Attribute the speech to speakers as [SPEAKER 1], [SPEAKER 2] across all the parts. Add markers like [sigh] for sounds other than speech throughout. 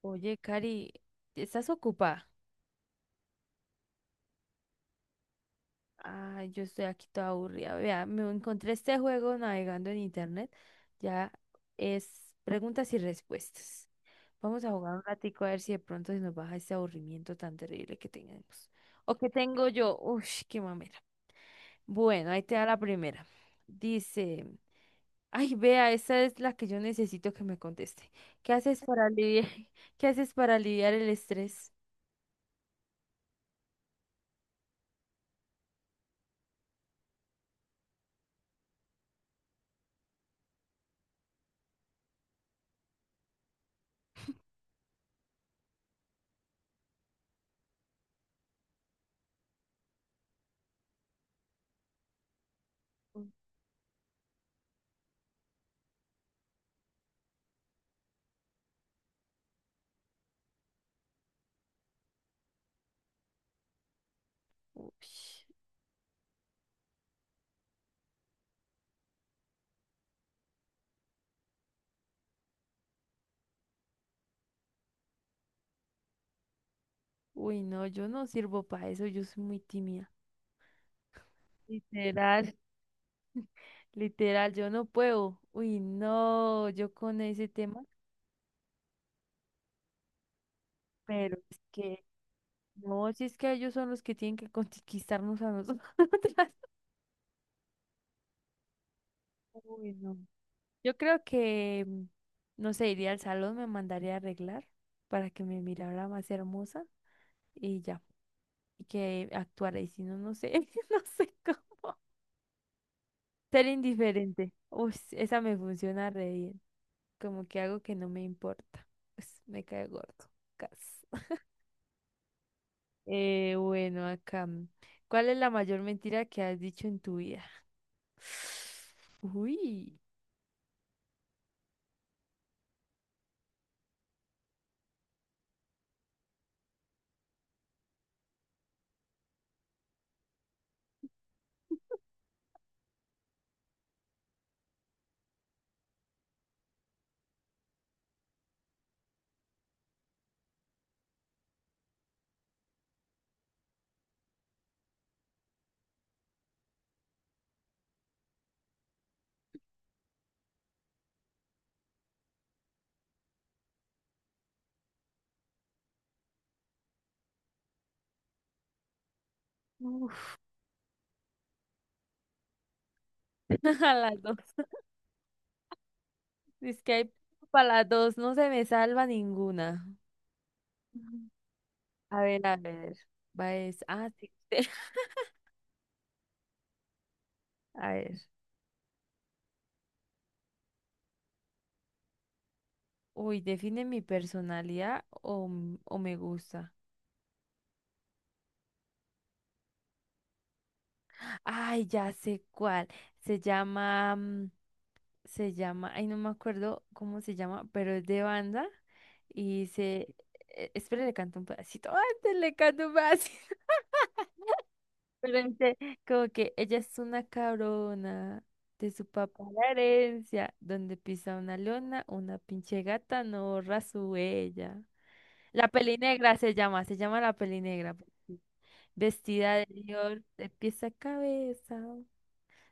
[SPEAKER 1] Oye, Cari, ¿estás ocupada? Ay, yo estoy aquí toda aburrida. Vea, me encontré este juego navegando en internet. Ya es preguntas y respuestas. Vamos a jugar un ratico a ver si de pronto se nos baja este aburrimiento tan terrible que tenemos. O que tengo yo. Uy, qué mamera. Bueno, ahí te da la primera. Dice, ay, vea, esa es la que yo necesito que me conteste. ¿Qué haces para aliviar, [laughs] qué haces para aliviar el estrés? Uy. Uy, no, yo no sirvo para eso, yo soy muy tímida. Literal. [laughs] Literal, yo no puedo. Uy, no, yo con ese tema, pero es que no, si es que ellos son los que tienen que conquistarnos a nosotros. [laughs] Uy, no. Yo creo que, no sé, iría al salón, me mandaría a arreglar para que me mirara más hermosa y ya, y que actuara, y si no, no sé, [laughs] no sé cómo. Ser indiferente. Uy, esa me funciona re bien. Como que algo que no me importa. Pues me cae gordo. Cas. [laughs] Bueno, acá. ¿Cuál es la mayor mentira que has dicho en tu vida? [sighs] Uy. Uf, [laughs] a las dos. Es que hay para las dos. No se me salva ninguna. Ujú. A ver, a ver. Va es. Ah, sí. [laughs] A ver. Uy, define mi personalidad o, o me gusta. Ay, ya sé cuál. Se llama. Se llama, ay, no me acuerdo cómo se llama, pero es de banda y se, espere, le canto un pedacito, antes le canto un pedacito, [laughs] pero dice como que ella es una cabrona de su papá la herencia, donde pisa una leona, una pinche gata no borra su huella. La peli negra se llama la peli negra, vestida de Dior de pies a cabeza.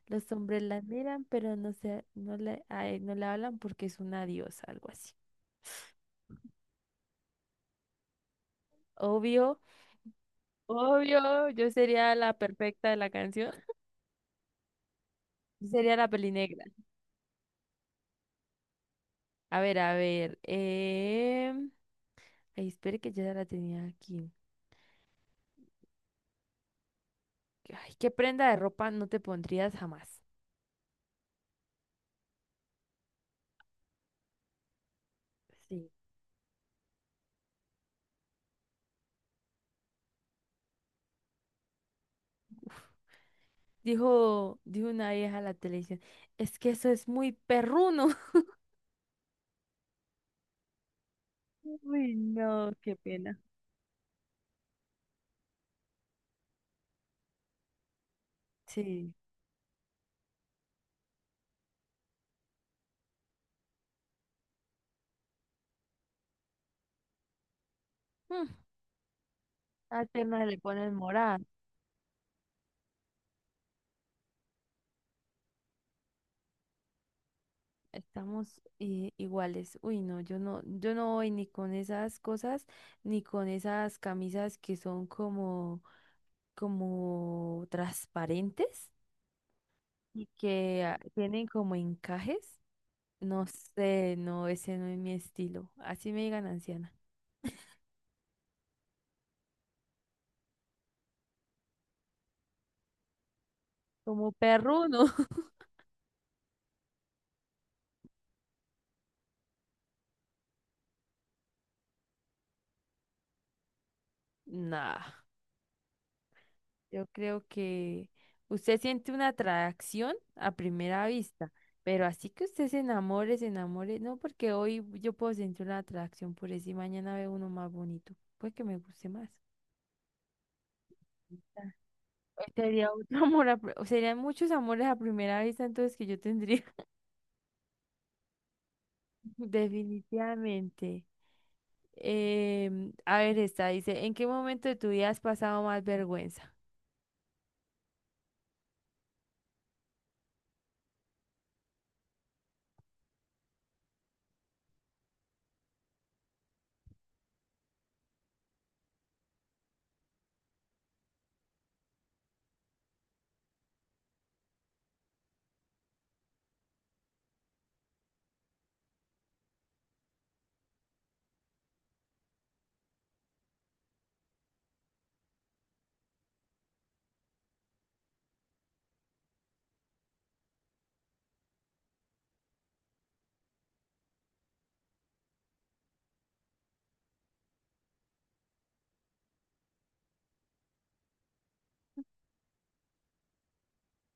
[SPEAKER 1] Los hombres la miran, pero no se, no le, a él no le hablan porque es una diosa, algo así. Obvio, obvio, yo sería la perfecta de la canción. Yo sería la pelinegra. A ver, a ver. Ay, espere que yo ya la tenía aquí. Ay, ¿qué prenda de ropa no te pondrías jamás? Sí. Dijo, dijo una vieja a la televisión. Es que eso es muy perruno. [laughs] Uy, no, qué pena. Sí. Mm, a Atenas le ponen morada. Estamos iguales. Uy, no, yo no voy ni con esas cosas, ni con esas camisas que son como, como transparentes y que ah, tienen como encajes. No sé, no, ese no es mi estilo. Así me digan anciana. Como perruno. [laughs] Nah. Yo creo que usted siente una atracción a primera vista, pero así que usted se enamore, no, porque hoy yo puedo sentir una atracción por eso y mañana veo uno más bonito, pues que me guste más. Hoy sería otro amor, a pri- serían muchos amores a primera vista, entonces que yo tendría [laughs] definitivamente. A ver, esta dice, ¿en qué momento de tu vida has pasado más vergüenza?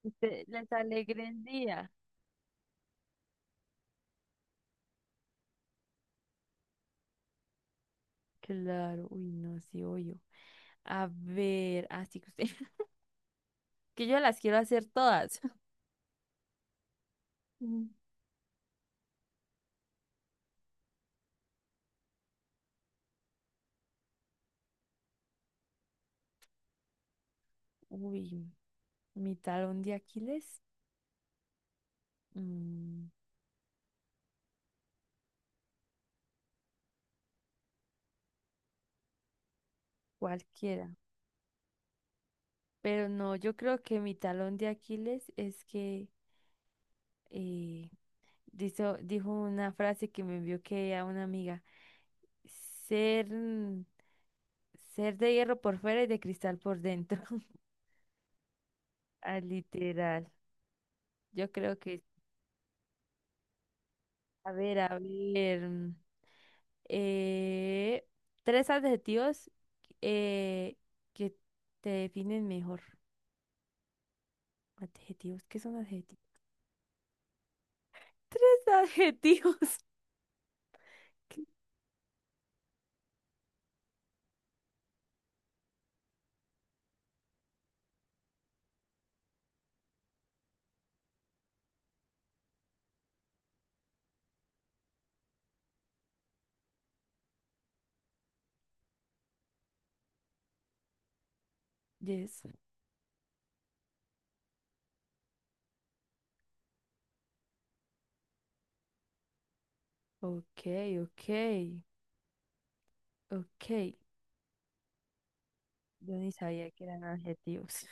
[SPEAKER 1] Usted les alegre el día. Claro, uy, no, sí, obvio. A ver, así que usted, [laughs] que yo las quiero hacer todas. [laughs] Mm, uy, mi talón de Aquiles, mm, cualquiera. Pero no, yo creo que mi talón de Aquiles es que eh, dijo una frase que me envió que a una amiga, ser, ser de hierro por fuera y de cristal por dentro. [laughs] Ah, literal. Yo creo que, a ver, a ver. Eh, tres adjetivos eh, que te definen mejor. Adjetivos, ¿qué son adjetivos? Tres adjetivos. [laughs] Yes. Ok, ok, ok. Yo ni sabía que eran adjetivos.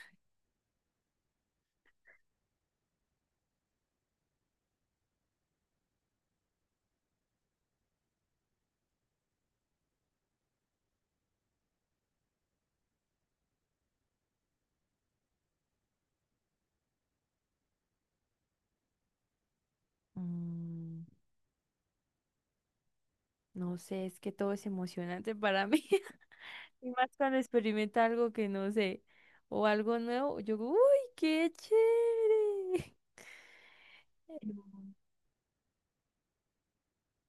[SPEAKER 1] Mm, no sé, es que todo es emocionante para mí. [laughs] Y más cuando experimenta algo que no sé o algo nuevo, yo, digo, uy, qué chévere. [laughs] Mm,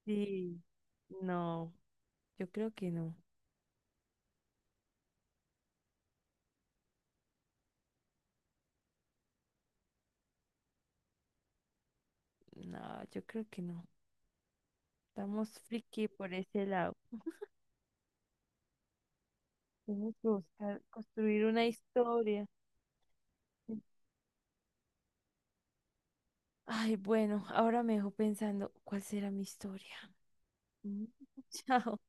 [SPEAKER 1] sí, no. Yo creo que no. No, yo creo que no. Estamos friki por ese lado. Tenemos que buscar construir una historia. Ay, bueno, ahora me dejó pensando, ¿cuál será mi historia? Mm, [laughs] chao.